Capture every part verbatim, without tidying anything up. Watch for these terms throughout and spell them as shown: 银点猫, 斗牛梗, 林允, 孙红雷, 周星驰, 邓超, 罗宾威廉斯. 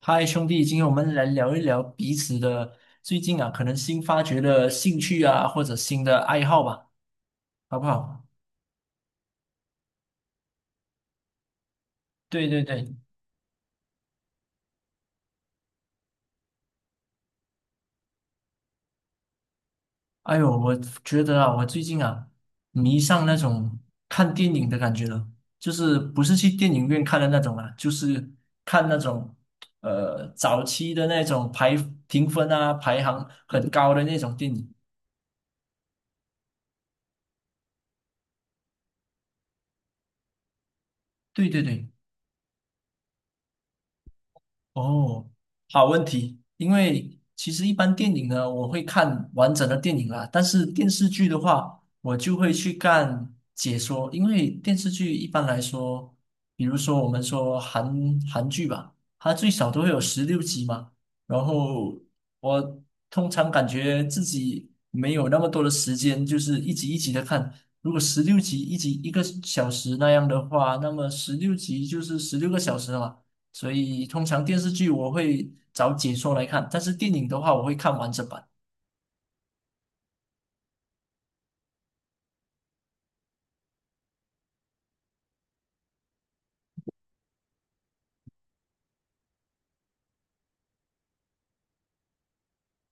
嗨，兄弟，今天我们来聊一聊彼此的最近啊，可能新发掘的兴趣啊，或者新的爱好吧，好不好？对对对，哎呦，我觉得啊，我最近啊，迷上那种看电影的感觉了，就是不是去电影院看的那种啊，就是看那种呃早期的那种排评分啊，排行很高的那种电影。对对对。哦，好问题。因为其实一般电影呢，我会看完整的电影啦，但是电视剧的话，我就会去看解说。因为电视剧一般来说，比如说我们说韩韩剧吧，它最少都会有十六集嘛。然后我通常感觉自己没有那么多的时间，就是一集一集的看。如果十六集一集一个小时那样的话，那么十六集就是十六个小时了嘛。所以通常电视剧我会找解说来看，但是电影的话我会看完整版。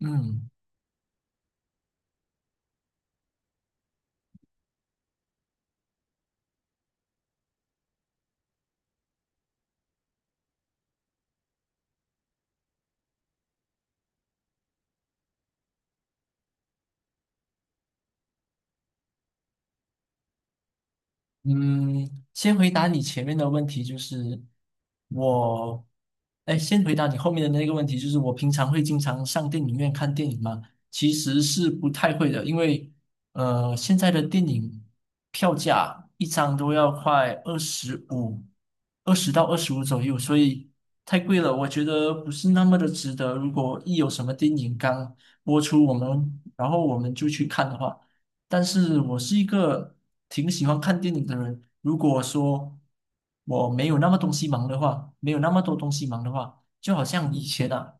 嗯。嗯，先回答你前面的问题，就是我，哎，先回答你后面的那个问题，就是我平常会经常上电影院看电影吗？其实是不太会的，因为呃，现在的电影票价一张都要快二十五，二十到二十五左右，所以太贵了，我觉得不是那么的值得。如果一有什么电影刚播出，我们然后我们就去看的话。但是我是一个挺喜欢看电影的人。如果说我没有那么东西忙的话，没有那么多东西忙的话，就好像以前啊，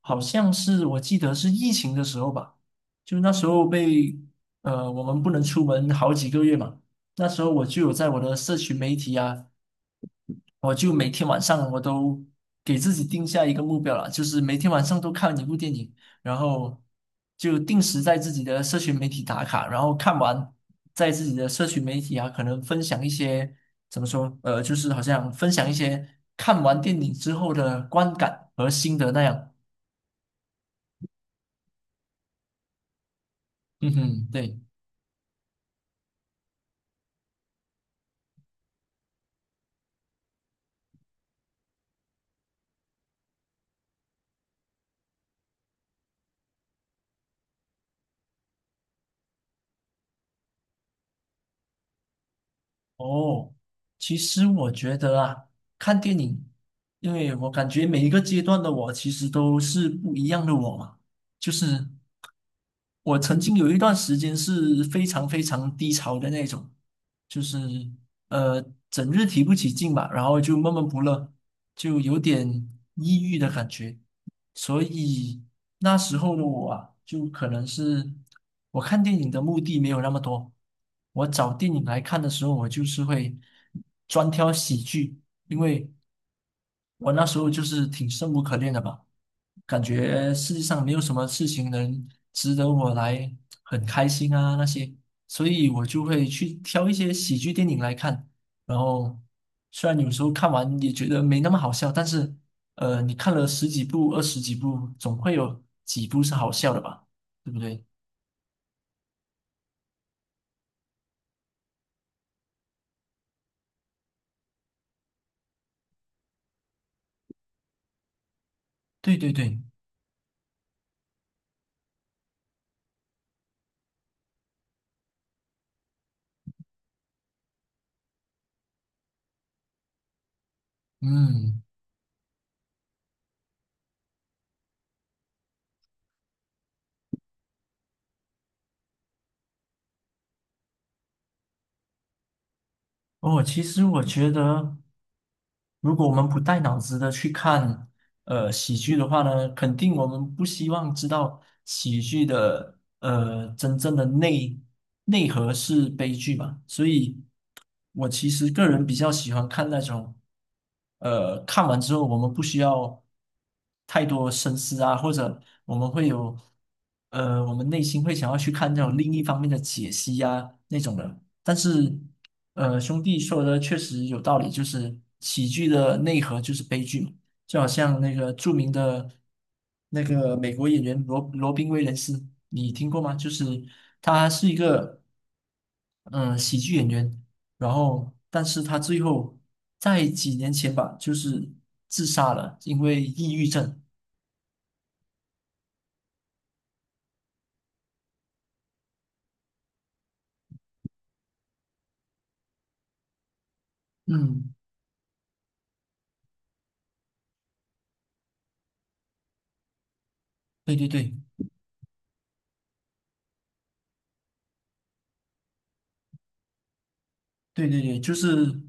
好像是我记得是疫情的时候吧，就那时候被呃我们不能出门好几个月嘛，那时候我就有在我的社群媒体啊。我就每天晚上我都给自己定下一个目标了，就是每天晚上都看一部电影，然后就定时在自己的社群媒体打卡，然后看完在自己的社群媒体啊，可能分享一些怎么说，呃，就是好像分享一些看完电影之后的观感和心得那样。嗯哼，对。哦，其实我觉得啊，看电影，因为我感觉每一个阶段的我其实都是不一样的我嘛。就是我曾经有一段时间是非常非常低潮的那种，就是呃整日提不起劲吧，然后就闷闷不乐。就有点抑郁的感觉，所以那时候的我啊，就可能是我看电影的目的没有那么多，我找电影来看的时候，我就是会专挑喜剧，因为我那时候就是挺生无可恋的吧，感觉世界上没有什么事情能值得我来很开心啊那些，所以我就会去挑一些喜剧电影来看。然后虽然有时候看完也觉得没那么好笑，但是呃，你看了十几部、二十几部，总会有几部是好笑的吧？对不对？对对对，嗯。哦，其实我觉得，如果我们不带脑子的去看呃喜剧的话呢，肯定我们不希望知道喜剧的呃真正的内内核是悲剧嘛。所以，我其实个人比较喜欢看那种呃看完之后我们不需要太多深思啊，或者我们会有呃我们内心会想要去看那种另一方面的解析啊那种的，但是。呃，兄弟说的确实有道理，就是喜剧的内核就是悲剧嘛，就好像那个著名的那个美国演员罗罗宾威廉斯，你听过吗？就是他是一个嗯、呃喜剧演员，然后但是他最后在几年前吧，就是自杀了，因为抑郁症。嗯，对对对。对对对，就是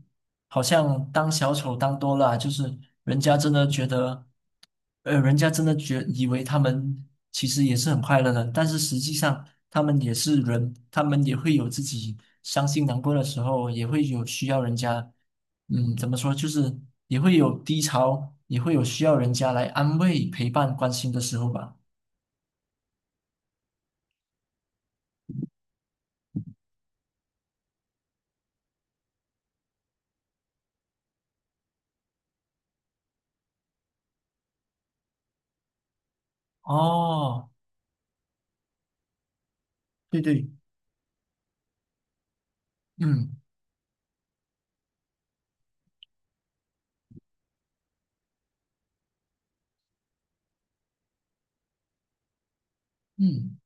好像当小丑当多了啊就是人家真的觉得，呃，人家真的觉以为他们其实也是很快乐的，但是实际上他们也是人，他们也会有自己伤心难过的时候，也会有需要人家，嗯，怎么说，就是也会有低潮，也会有需要人家来安慰、陪伴、关心的时候吧。哦，对对，嗯嗯。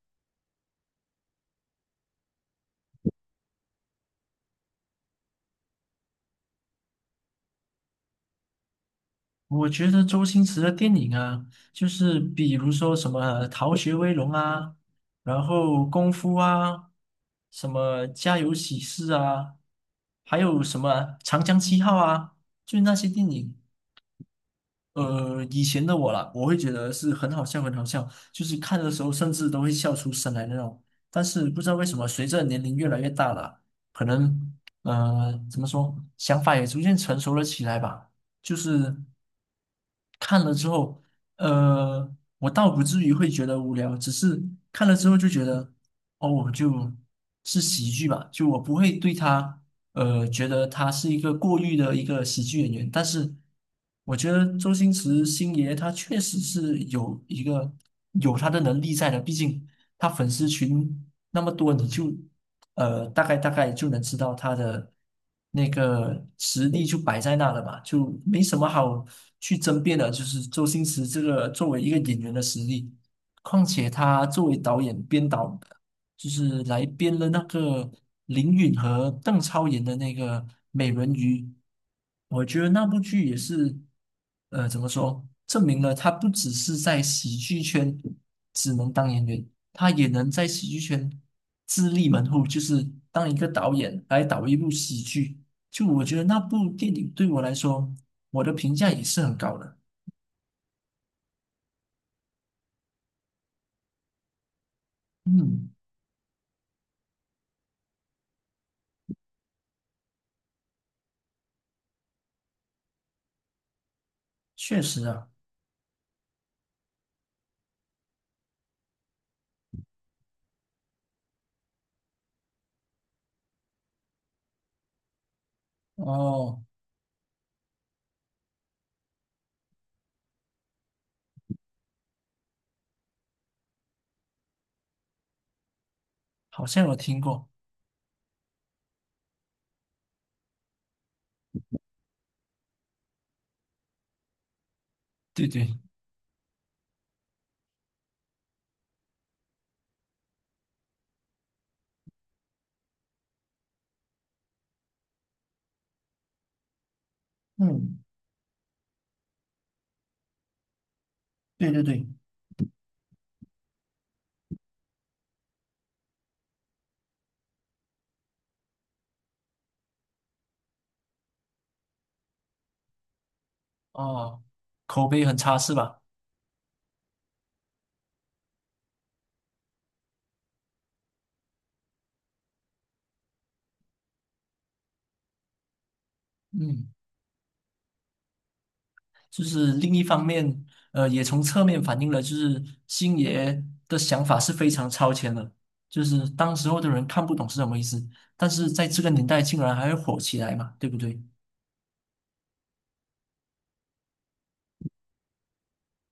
我觉得周星驰的电影啊，就是比如说什么呃逃学威龙》啊，然后《功夫》啊，什么《家有喜事》啊，还有什么《长江七号》啊，就那些电影。呃，以前的我啦，我会觉得是很好笑，很好笑，就是看的时候甚至都会笑出声来那种。但是不知道为什么，随着年龄越来越大了，可能呃，怎么说，想法也逐渐成熟了起来吧。就是看了之后，呃，我倒不至于会觉得无聊，只是看了之后就觉得，哦，我就是喜剧吧，就我不会对他。呃，觉得他是一个过誉的一个喜剧演员，但是我觉得周星驰星爷他确实是有一个有他的能力在的，毕竟他粉丝群那么多，你就呃大概大概就能知道他的那个实力就摆在那了嘛，就没什么好去争辩的，就是周星驰这个作为一个演员的实力，况且他作为导演编导。就是来编了那个林允和邓超演的那个《美人鱼》，我觉得那部剧也是，呃，怎么说，证明了他不只是在喜剧圈只能当演员，他也能在喜剧圈自立门户，就是当一个导演来导一部喜剧。就我觉得那部电影对我来说，我的评价也是很高的。嗯，确实啊，哦，好像有听过，对对，嗯，对对对。哦，口碑很差是吧？嗯，就是另一方面，呃，也从侧面反映了，就是星爷的想法是非常超前的，就是当时候的人看不懂是什么意思，但是在这个年代竟然还会火起来嘛，对不对？